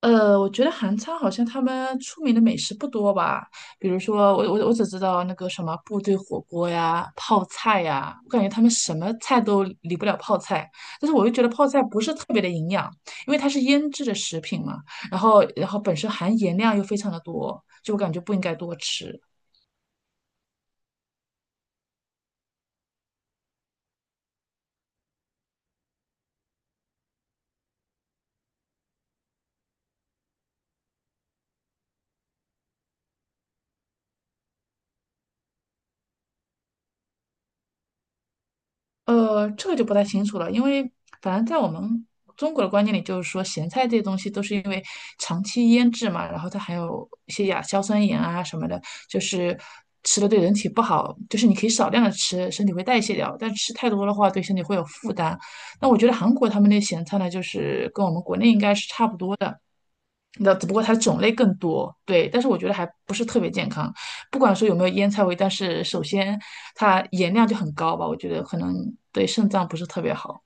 我觉得韩餐好像他们出名的美食不多吧，比如说我只知道那个什么部队火锅呀、泡菜呀，我感觉他们什么菜都离不了泡菜，但是我又觉得泡菜不是特别的营养，因为它是腌制的食品嘛，然后本身含盐量又非常的多，就我感觉不应该多吃。这个就不太清楚了，因为反正在我们中国的观念里，就是说咸菜这些东西都是因为长期腌制嘛，然后它含有一些亚硝酸盐啊什么的，就是吃了对人体不好，就是你可以少量的吃，身体会代谢掉，但吃太多的话对身体会有负担。那我觉得韩国他们那咸菜呢，就是跟我们国内应该是差不多的，那只不过它的种类更多，对，但是我觉得还不是特别健康。不管说有没有腌菜味，但是首先它盐量就很高吧，我觉得可能对肾脏不是特别好。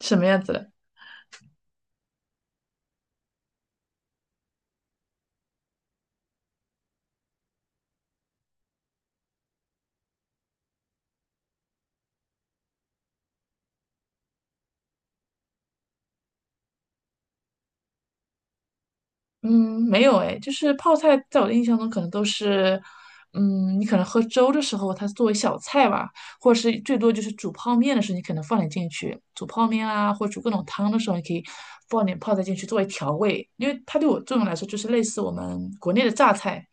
什么样子的？嗯，没有哎，就是泡菜，在我的印象中可能都是，嗯，你可能喝粥的时候，它是作为小菜吧，或者是最多就是煮泡面的时候，你可能放点进去，煮泡面啊，或者煮各种汤的时候，你可以放点泡菜进去作为调味，因为它对我作用来说，就是类似我们国内的榨菜。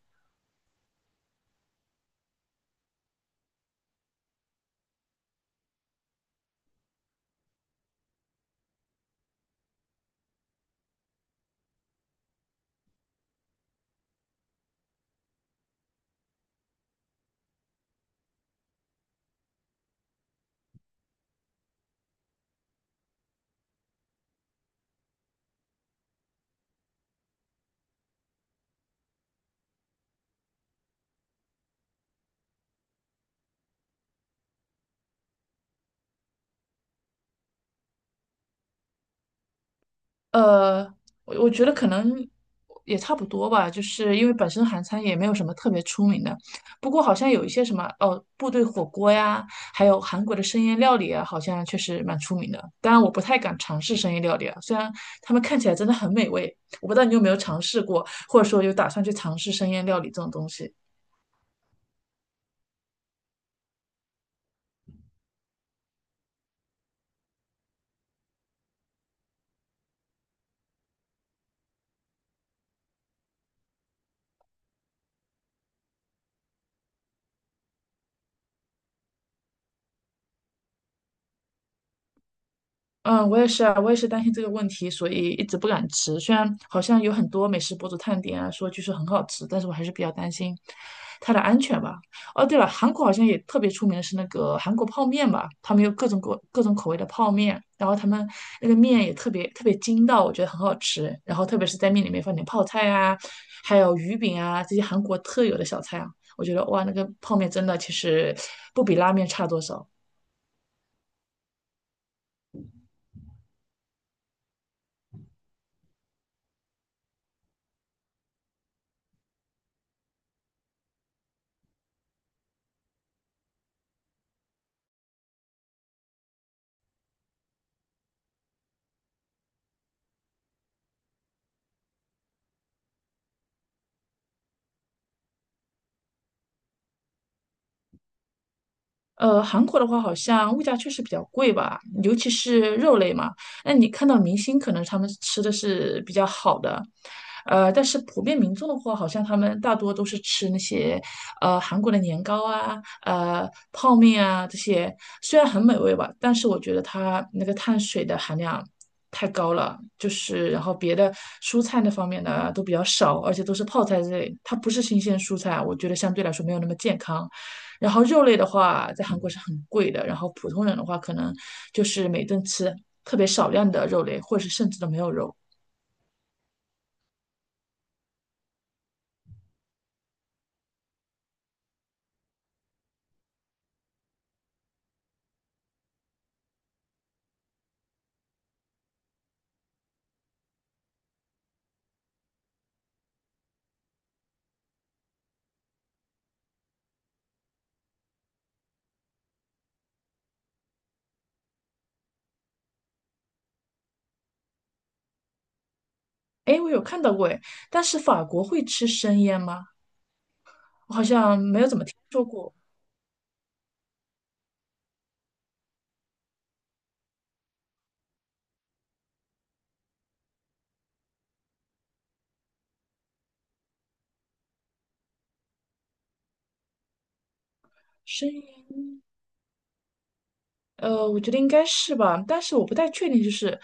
呃，我觉得可能也差不多吧，就是因为本身韩餐也没有什么特别出名的，不过好像有一些什么哦，部队火锅呀，还有韩国的生腌料理啊，好像确实蛮出名的。当然，我不太敢尝试生腌料理啊，虽然他们看起来真的很美味，我不知道你有没有尝试过，或者说有打算去尝试生腌料理这种东西。嗯，我也是啊，我也是担心这个问题，所以一直不敢吃。虽然好像有很多美食博主探店啊，说据说很好吃，但是我还是比较担心它的安全吧。哦，对了，韩国好像也特别出名的是那个韩国泡面吧，他们有各种口味的泡面，然后他们那个面也特别特别筋道，我觉得很好吃。然后特别是在面里面放点泡菜啊，还有鱼饼啊，这些韩国特有的小菜啊，我觉得哇，那个泡面真的其实不比拉面差多少。韩国的话，好像物价确实比较贵吧，尤其是肉类嘛。那你看到明星，可能他们吃的是比较好的，但是普遍民众的话，好像他们大多都是吃那些韩国的年糕啊、泡面啊这些，虽然很美味吧，但是我觉得它那个碳水的含量太高了，就是然后别的蔬菜那方面的都比较少，而且都是泡菜之类，它不是新鲜蔬菜，我觉得相对来说没有那么健康。然后肉类的话，在韩国是很贵的，然后普通人的话，可能就是每顿吃特别少量的肉类，或者是甚至都没有肉。哎，我有看到过哎，但是法国会吃生腌吗？我好像没有怎么听说过生腌。我觉得应该是吧，但是我不太确定，就是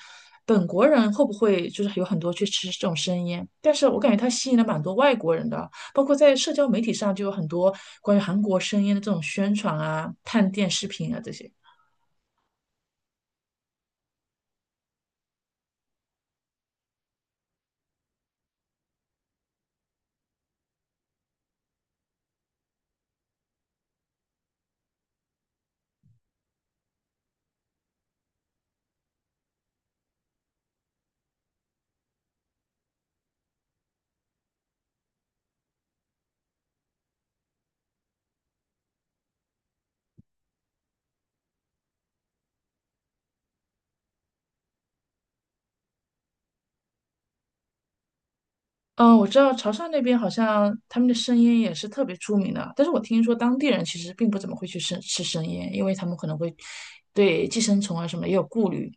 本国人会不会就是有很多去吃这种生腌，但是我感觉它吸引了蛮多外国人的，包括在社交媒体上就有很多关于韩国生腌的这种宣传啊、探店视频啊这些。嗯，我知道潮汕那边好像他们的生腌也是特别出名的，但是我听说当地人其实并不怎么会去生吃生腌，因为他们可能会对寄生虫啊什么也有顾虑。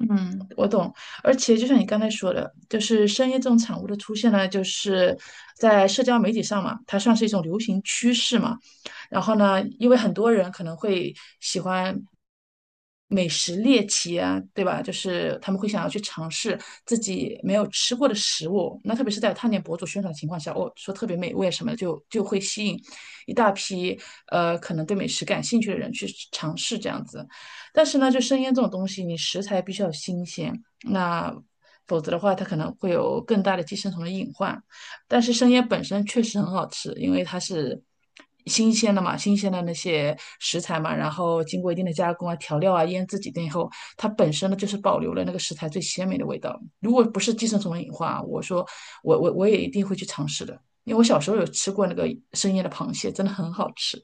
嗯，我懂。而且就像你刚才说的，就是生腌这种产物的出现呢，就是在社交媒体上嘛，它算是一种流行趋势嘛。然后呢，因为很多人可能会喜欢。美食猎奇啊，对吧？就是他们会想要去尝试自己没有吃过的食物，那特别是在探店博主宣传的情况下，哦，说特别美味什么的就会吸引一大批可能对美食感兴趣的人去尝试这样子。但是呢，就生腌这种东西，你食材必须要新鲜，那否则的话，它可能会有更大的寄生虫的隐患。但是生腌本身确实很好吃，因为它是新鲜的嘛，新鲜的那些食材嘛，然后经过一定的加工啊、调料啊、腌制几天以后，它本身呢就是保留了那个食材最鲜美的味道。如果不是寄生虫的隐患啊，我说我也一定会去尝试的，因为我小时候有吃过那个生腌的螃蟹，真的很好吃。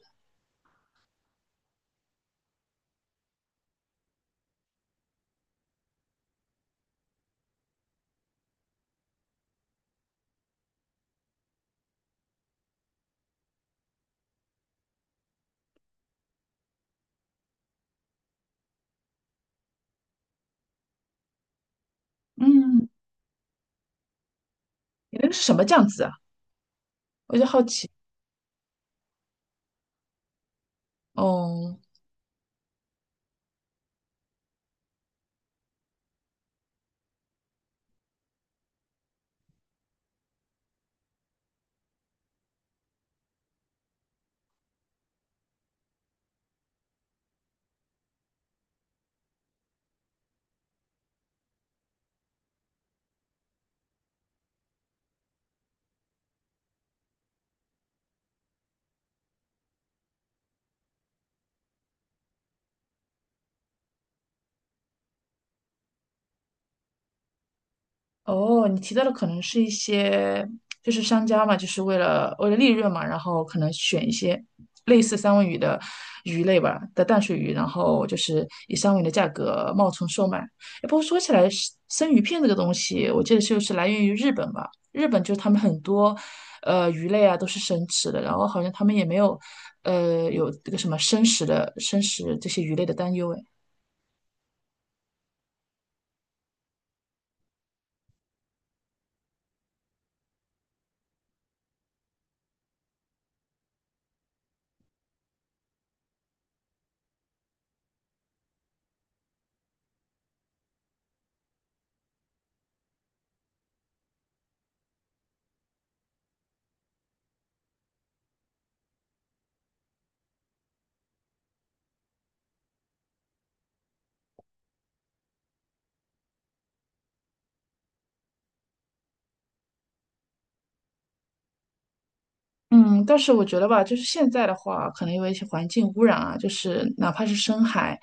嗯，你那个是什么酱汁啊？我就好奇。哦，哦，你提到的可能是一些，就是商家嘛，就是为了利润嘛，然后可能选一些类似三文鱼的鱼类吧的淡水鱼，然后就是以三文鱼的价格冒充售卖。哎，不过说起来，生鱼片这个东西，我记得就是来源于日本吧，日本就是他们很多鱼类啊都是生吃的，然后好像他们也没有有这个什么生食这些鱼类的担忧，哎。嗯，但是我觉得吧，就是现在的话，可能因为一些环境污染啊，就是哪怕是深海，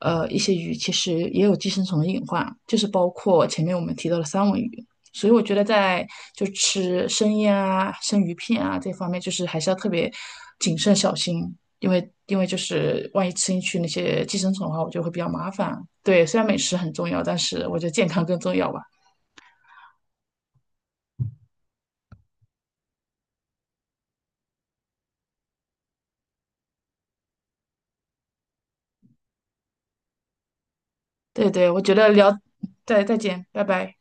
一些鱼其实也有寄生虫的隐患，就是包括前面我们提到的三文鱼。所以我觉得在就吃生腌啊、生鱼片啊这方面，就是还是要特别谨慎小心，因为就是万一吃进去那些寄生虫的话，我觉得会比较麻烦。对，虽然美食很重要，但是我觉得健康更重要吧。对对，我觉得聊，再见，拜拜。